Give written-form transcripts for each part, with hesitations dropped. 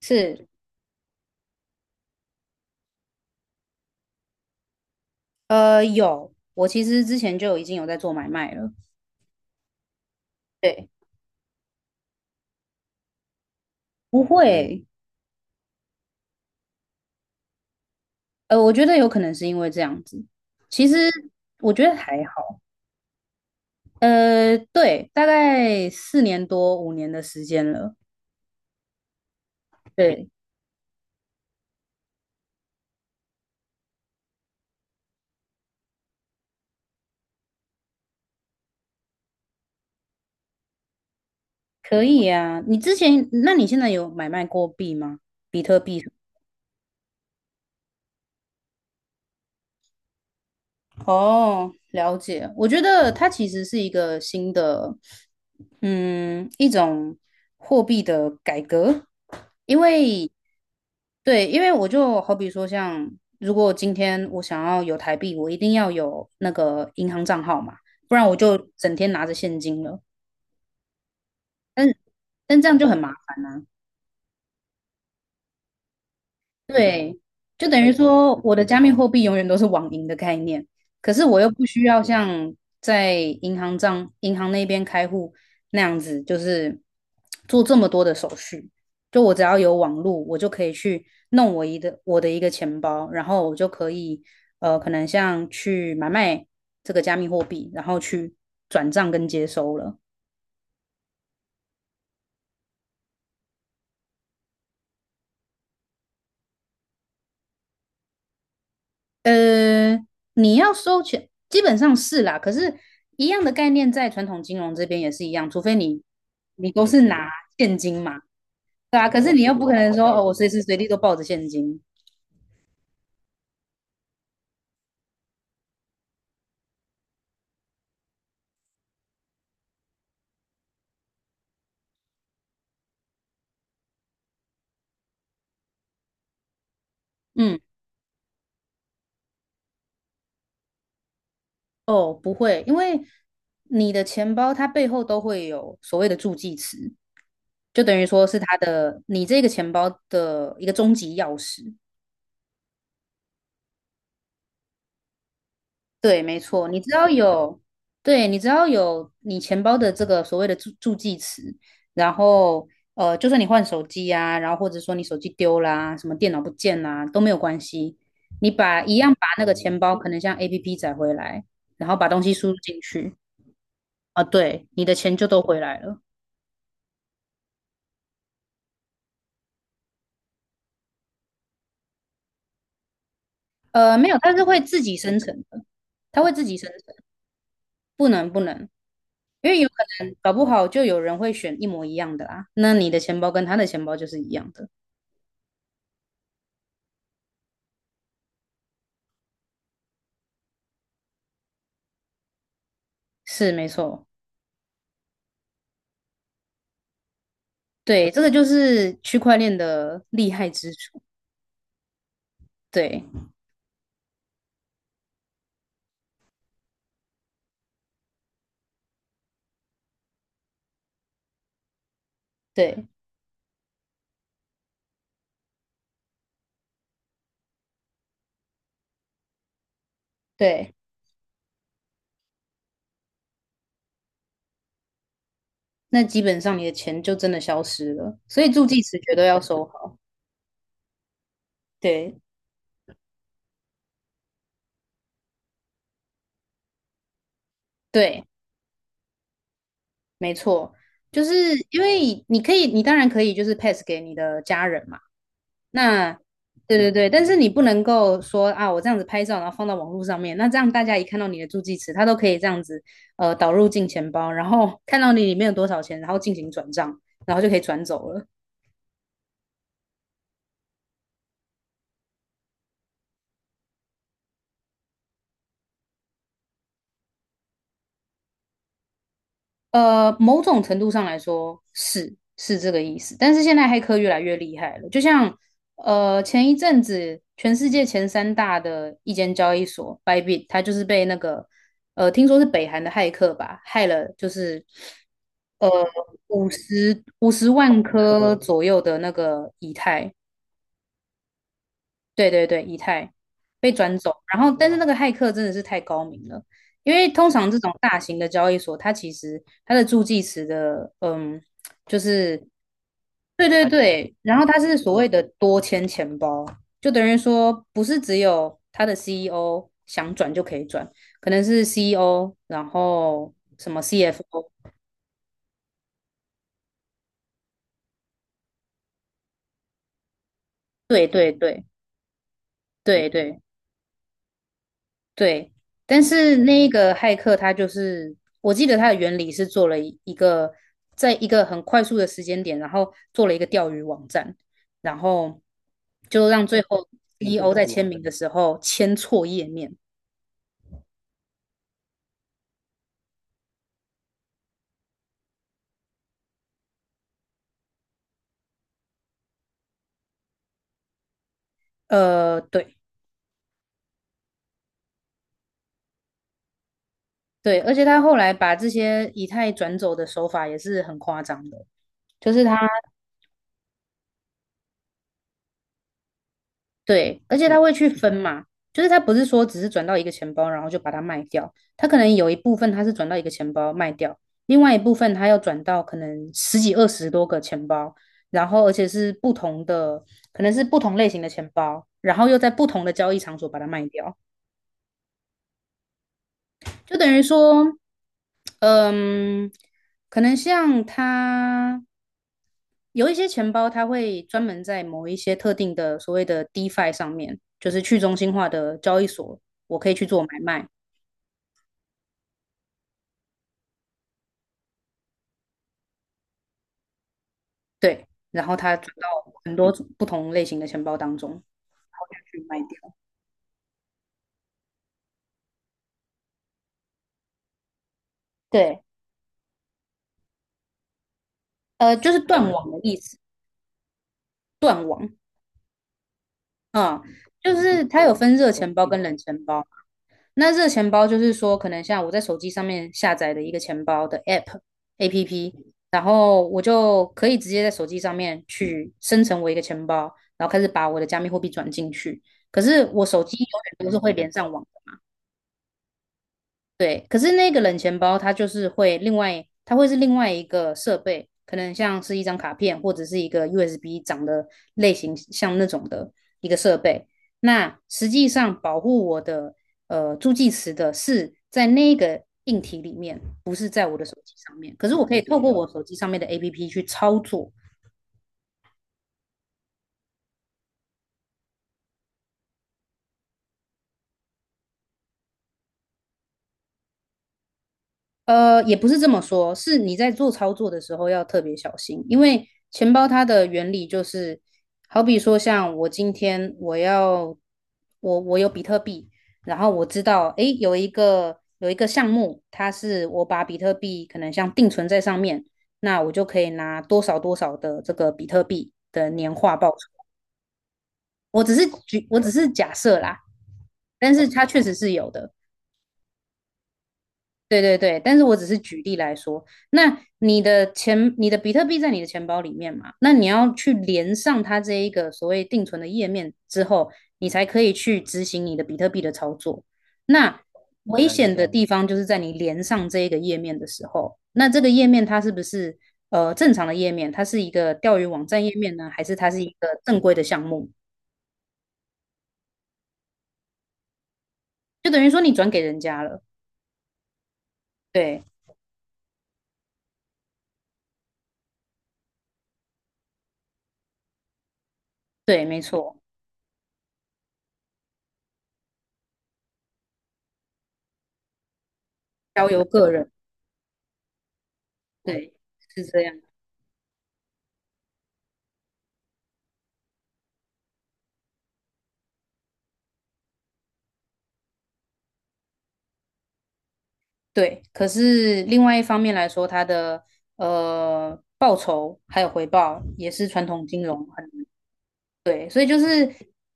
是，有，我其实之前就已经有在做买卖了。对，不会，我觉得有可能是因为这样子。其实我觉得还好。对，大概4年多5年的时间了。对，可以啊。你之前，那你现在有买卖过币吗？比特币？哦，了解。我觉得它其实是一个新的，一种货币的改革。因为对，因为我就好比说像，如果今天我想要有台币，我一定要有那个银行账号嘛，不然我就整天拿着现金了。但但这样就很麻。对，就等于说我的加密货币永远都是网银的概念，可是我又不需要像在银行那边开户那样子，就是做这么多的手续。就我只要有网络，我就可以去弄我的一个钱包，然后我就可以可能像去买卖这个加密货币，然后去转账跟接收了。呃，你要收钱，基本上是啦。可是，一样的概念在传统金融这边也是一样，除非你都是拿现金嘛，对啊。可是哦你又不可能说哦，我随时随地都抱着现金。嗯。哦，不会，因为你的钱包它背后都会有所谓的助记词，就等于说是它的你这个钱包的一个终极钥匙。对，没错，你只要有，对，你只要有你钱包的这个所谓的助记词，然后就算你换手机啊，然后或者说你手机丢啦、什么电脑不见啦、都没有关系，一样把那个钱包可能像 APP 载回来，然后把东西输入进去啊，对，你的钱就都回来了。没有，它是会自己生成的，它会自己生成，不能不能，因为有可能搞不好就有人会选一模一样的啦，那你的钱包跟他的钱包就是一样的。是没错，对，这个就是区块链的厉害之处。对，对，对，那基本上你的钱就真的消失了，所以助记词绝对要收好。对，对，没错，就是因为你可以，你当然可以就是 pass 给你的家人嘛。那对对对，但是你不能够说啊，我这样子拍照，然后放到网络上面，那这样大家一看到你的助记词，他都可以这样子导入进钱包，然后看到你里面有多少钱，然后进行转账，然后就可以转走了。某种程度上来说是这个意思，但是现在黑客越来越厉害了，就像前一阵子全世界前三大的一间交易所 Bybit,它就是被那个听说是北韩的骇客吧，害了就是呃五十万颗左右的那个以太，对对对，以太被转走，然后但是那个骇客真的是太高明了，因为通常这种大型的交易所，它其实它的助记词的，就是对对对，然后它是所谓的多签钱包，就等于说不是只有它的 CEO 想转就可以转，可能是 CEO,然后什么 CFO,对对对对对，对，但是那个骇客他就是，我记得他的原理是做了一个，在一个很快速的时间点，然后做了一个钓鱼网站，然后就让最后 CEO 在签名的时候签错页面。对对，而且他后来把这些以太转走的手法也是很夸张的，就是他对，而且他会去分嘛，就是他不是说只是转到一个钱包，然后就把它卖掉，他可能有一部分他是转到一个钱包卖掉，另外一部分他要转到可能十几二十多个钱包，然后而且是不同的，可能是不同类型的钱包，然后又在不同的交易场所把它卖掉，就等于说，嗯，可能像他。有一些钱包它会专门在某一些特定的所谓的 DeFi 上面，就是去中心化的交易所，我可以去做买卖，对，然后它转到很多不同类型的钱包当中去卖掉，对，就是断网的意思，断网啊，就是它有分热钱包跟冷钱包，那这个钱包就是说，可能像我在手机上面下载的一个钱包的 APP，然后我就可以直接在手机上面去生成我一个钱包，然后开始把我的加密货币转进去。可是我手机永远都是会连上网。对，可是那个冷钱包它就是会另外，它会是另外一个设备，可能像是一张卡片或者是一个 USB 长的类型像那种的一个设备。那实际上保护我的助记词的是在那个硬体里面，不是在我的手机上面。可是我可以透过我手机上面的 APP 去操作。也不是这么说，是你在做操作的时候要特别小心，因为钱包它的原理就是，好比说像我今天我要我我有比特币，然后我知道诶有一个有一个项目，它是我把比特币可能像定存在上面，那我就可以拿多少多少的这个比特币的年化报酬。我只是假设啦，但是它确实是有的。对对对，但是我只是举例来说，那你的钱，你的比特币在你的钱包里面嘛，那你要去连上它这一个所谓定存的页面之后，你才可以去执行你的比特币的操作。那危难险的地方就是在你连上这一个页面的时候，那这个页面它是不是正常的页面？它是一个钓鱼网站页面呢，还是它是一个正规的项目？就等于说你转给人家了。对对，没错，交由个人，对，是这样。对，可是另外一方面来说，它的报酬还有回报也是传统金融很对，所以就是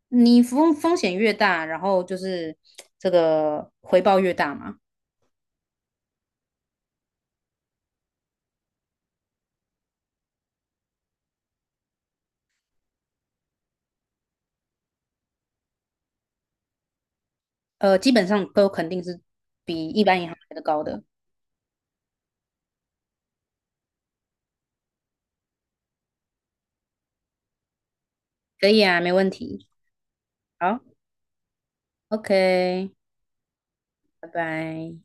你风险越大，然后就是这个回报越大嘛，基本上都肯定是比一般银行来的高的。可以啊，没问题。好，OK,拜拜。